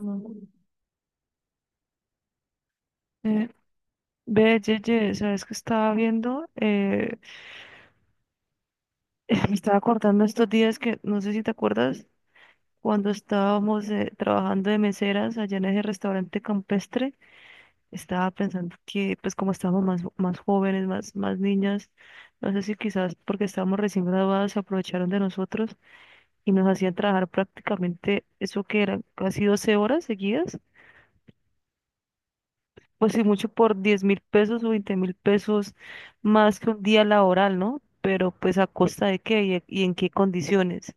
Eh, ve, Yeye, ¿sabes qué estaba viendo? Me estaba acordando estos días que, no sé si te acuerdas, cuando estábamos trabajando de meseras allá en ese restaurante campestre. Estaba pensando que, pues como estábamos más jóvenes, más niñas, no sé si quizás porque estábamos recién graduadas se aprovecharon de nosotros y nos hacían trabajar prácticamente eso que eran casi 12 horas seguidas, pues sí, mucho por 10.000 pesos o 20.000 pesos, más que un día laboral, ¿no? Pero pues a costa de qué y en qué condiciones.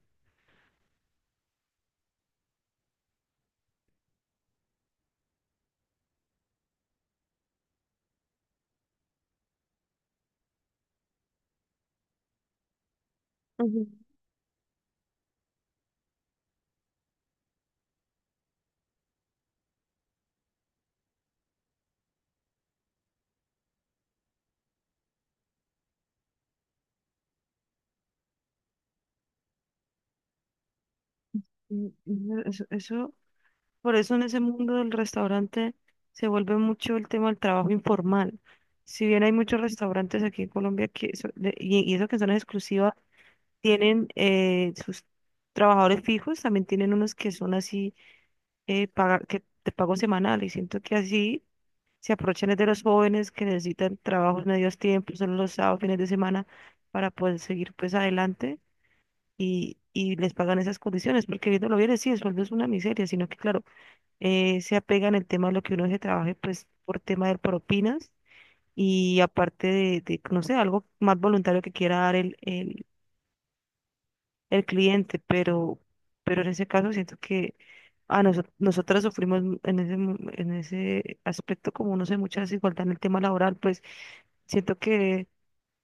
Ujú, ujú, ujú. Por eso en ese mundo del restaurante se vuelve mucho el tema del trabajo informal. Si bien hay muchos restaurantes aquí en Colombia que y eso que son exclusivas, tienen sus trabajadores fijos, también tienen unos que son así, que te pago semanal, y siento que así se aprovechan es de los jóvenes que necesitan trabajos medios tiempos, solo los sábados, fines de semana, para poder seguir pues adelante, y les pagan esas condiciones, porque viéndolo bien, sí, el sueldo es una miseria, sino que claro, se apegan el tema de lo que uno se trabaje pues por tema de propinas y aparte no sé, algo más voluntario que quiera dar el cliente, pero en ese caso siento que nosotras sufrimos en ese aspecto, como no sé, mucha desigualdad en el tema laboral. Pues siento que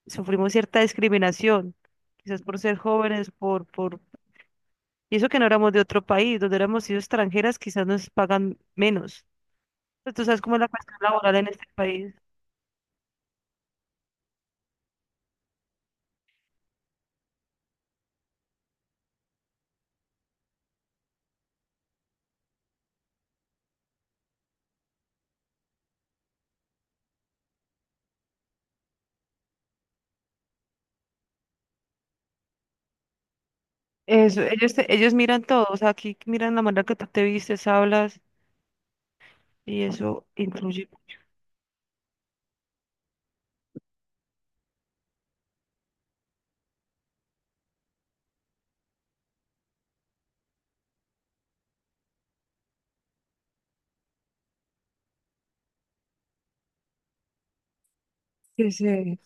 sufrimos cierta discriminación, quizás por ser jóvenes, y eso que no éramos de otro país, donde éramos sido extranjeras, quizás nos pagan menos. Pero tú sabes cómo es la cuestión laboral en este país. Eso, ellos miran todo, o sea, aquí miran la manera que tú te vistes, hablas, y eso incluye. Sí, sí.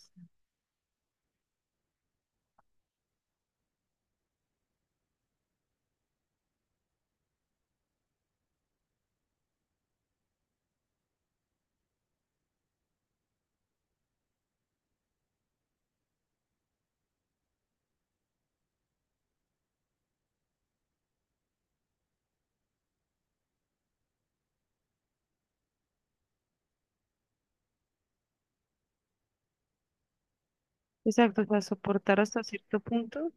Exacto, o sea, soportar hasta cierto punto.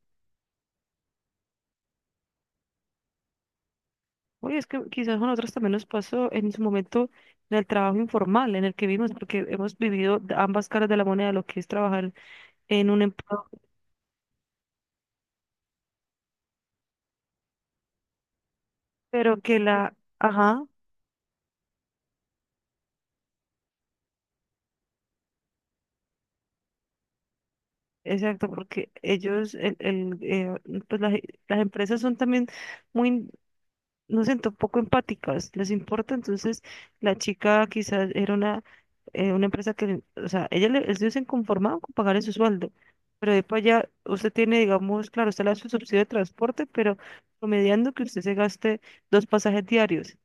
Oye, es que quizás a nosotros también nos pasó en su momento en el trabajo informal en el que vimos, porque hemos vivido de ambas caras de la moneda, lo que es trabajar en un empleo, ajá, exacto, porque pues las empresas son también muy nos sentó poco empáticas, les importa. Entonces la chica quizás era una empresa o sea, ellos se conformaban con pagarle su sueldo, pero de para allá usted tiene, digamos, claro, usted le da su subsidio de transporte, pero promediando que usted se gaste dos pasajes diarios,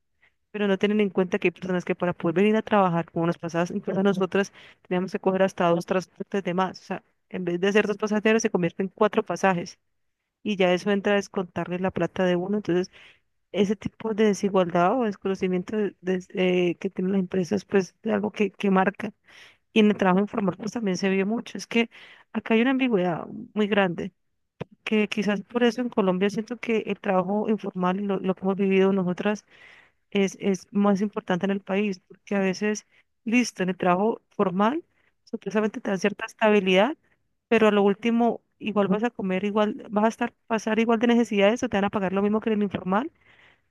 pero no tienen en cuenta que hay personas que para poder venir a trabajar, como nos pasaba, incluso nosotras teníamos que coger hasta dos transportes de más, o sea, en vez de hacer dos pasajes diarios se convierte en cuatro pasajes. Y ya eso entra a descontarle la plata de uno. Entonces ese tipo de desigualdad o desconocimiento que tienen las empresas, pues es algo que marca. Y en el trabajo informal, pues también se vio mucho. Es que acá hay una ambigüedad muy grande, que quizás por eso en Colombia siento que el trabajo informal, lo que hemos vivido nosotras, es más importante en el país, porque a veces, listo, en el trabajo formal, supuestamente te da cierta estabilidad, pero a lo último, igual vas a comer, igual vas a estar pasar igual de necesidades o te van a pagar lo mismo que en el informal,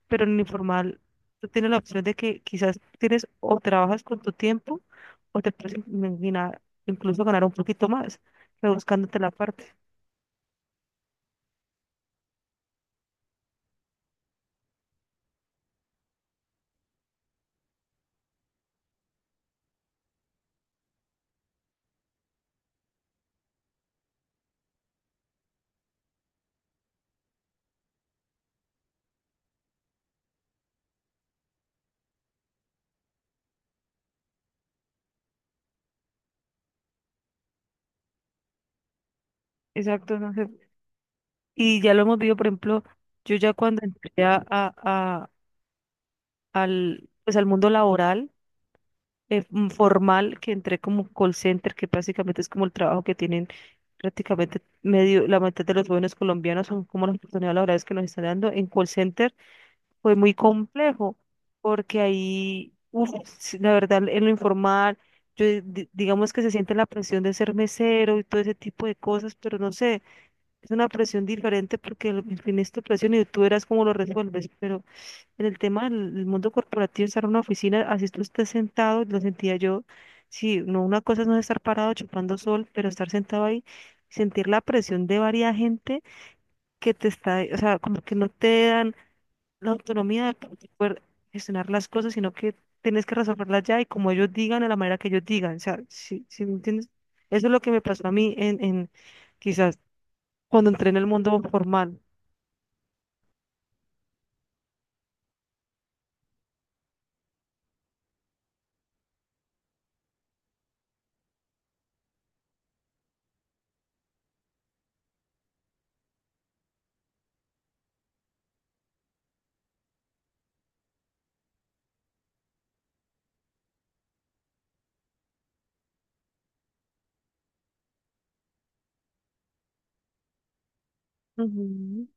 pero en el informal tú tienes la opción de que quizás tienes o trabajas con tu tiempo, o te puedes imaginar incluso ganar un poquito más, rebuscándote la parte. Exacto, no sé. Y ya lo hemos visto, por ejemplo, yo ya cuando entré al, pues al mundo laboral, formal, que entré como call center, que básicamente es como el trabajo que tienen prácticamente medio, la mitad de los jóvenes colombianos, son como las oportunidades laborales que nos están dando en call center. Fue muy complejo, porque ahí, uf, sí, la verdad, en lo informal, yo digamos que se siente la presión de ser mesero y todo ese tipo de cosas, pero no sé, es una presión diferente porque en fin es tu presión y tú verás cómo lo resuelves, pero en el tema del mundo corporativo, estar en una oficina, así tú estés sentado, lo sentía yo, sí, no, una cosa es no estar parado chupando sol, pero estar sentado ahí, sentir la presión de varias gente que te está, o sea, como que no te dan la autonomía de poder gestionar las cosas, sino que tienes que resolverlas ya y como ellos digan, de la manera que ellos digan. O sea, si me entiendes, eso es lo que me pasó a mí en quizás cuando entré en el mundo formal. Ujú.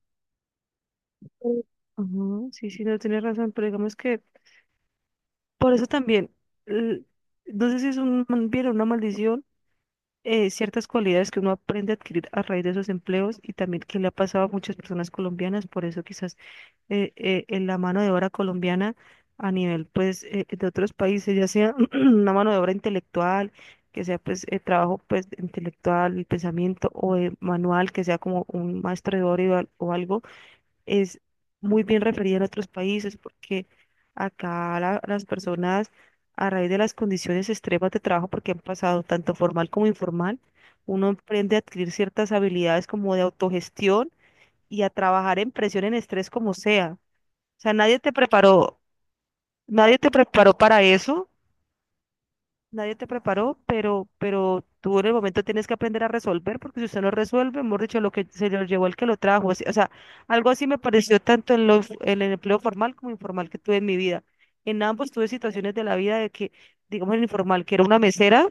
Ujú, sí, sí, no tienes razón, pero digamos que por eso también, l- no sé si es un bien o una maldición, ciertas cualidades que uno aprende a adquirir a raíz de esos empleos, y también que le ha pasado a muchas personas colombianas, por eso quizás en la mano de obra colombiana a nivel pues de otros países, ya sea una mano de obra intelectual, que sea pues trabajo pues intelectual, el pensamiento, o manual, que sea como un maestro de obra o algo, es muy bien referida en otros países, porque acá las personas, a raíz de las condiciones extremas de trabajo porque han pasado tanto formal como informal, uno aprende a adquirir ciertas habilidades como de autogestión y a trabajar en presión, en estrés, como sea, nadie te preparó, nadie te preparó para eso, nadie te preparó, pero tú en el momento tienes que aprender a resolver, porque si usted no resuelve, mejor dicho, lo que se lo llevó el que lo trajo. O sea, algo así me pareció tanto en el empleo formal como informal que tuve en mi vida. En ambos tuve situaciones de la vida de que, digamos, en el informal, que era una mesera.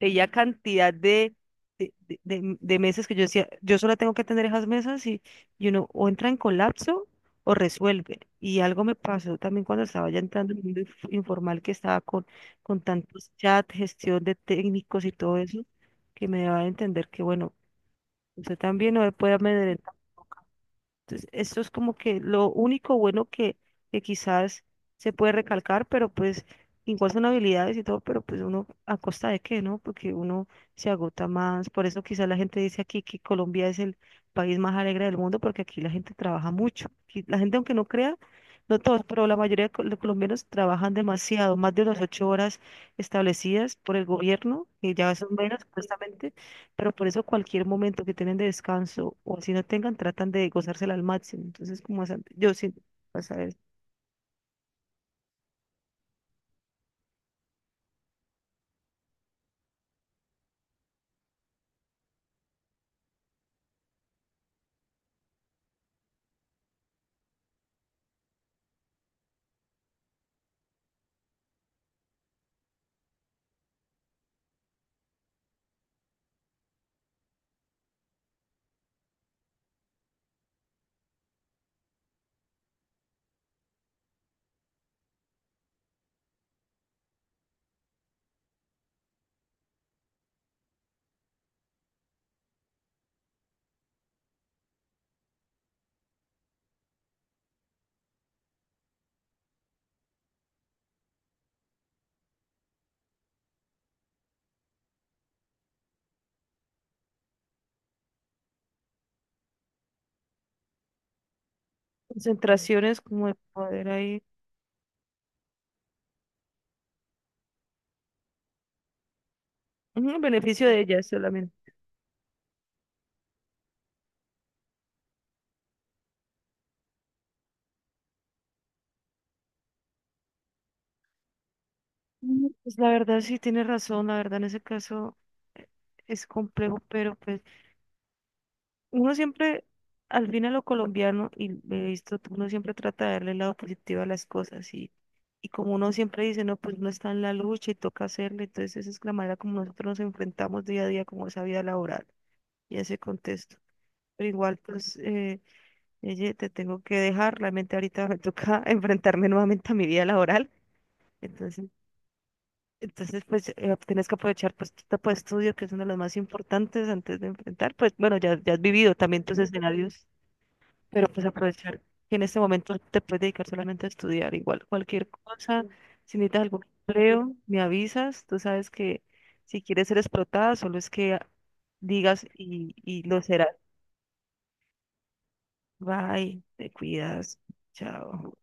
Ella cantidad de mesas, que yo decía, yo solo tengo que atender esas mesas, y uno o entra en colapso o resuelve. Y algo me pasó también cuando estaba ya entrando en el mundo informal, que estaba con tantos chats, gestión de técnicos y todo eso, que me daba a entender que, bueno, usted también no puede. Entonces, esto es como que lo único bueno que quizás se puede recalcar, pero pues igual son habilidades y todo, pero pues uno a costa de qué, ¿no? Porque uno se agota más. Por eso quizás la gente dice aquí que Colombia es el país más alegre del mundo, porque aquí la gente trabaja mucho. Aquí la gente, aunque no crea, no todos, pero la mayoría de los colombianos trabajan demasiado, más de las 8 horas establecidas por el gobierno, que ya son menos supuestamente, pero por eso cualquier momento que tienen de descanso, o así no tengan, tratan de gozársela al máximo. Entonces, yo siento, vas a ver, concentraciones como de poder ahí, ujú, en beneficio de ellas solamente. Mm, pues la verdad sí tiene razón, la verdad en ese caso eh, es complejo, pero pues uno siempre, al fin a lo colombiano, y he visto, uno siempre trata de darle el lado positivo a las cosas, y como uno siempre dice, no, pues uno está en la lucha y toca hacerle. Entonces esa es la manera como nosotros nos enfrentamos día a día como esa vida laboral y ese contexto. Pero igual, pues, Yeye, te tengo que dejar. Realmente ahorita me toca enfrentarme nuevamente a mi vida laboral. Entonces, entonces, pues, tienes que aprovechar pues tu etapa de estudio, que es uno de los más importantes antes de enfrentar. Pues, bueno, ya has vivido también tus escenarios, pero pues aprovechar que en este momento te puedes dedicar solamente a estudiar. Igual, cualquier cosa, si necesitas algún empleo, me avisas. Tú sabes que si quieres ser explotada, solo es que digas, y lo serás. Bye, te cuidas. Chao.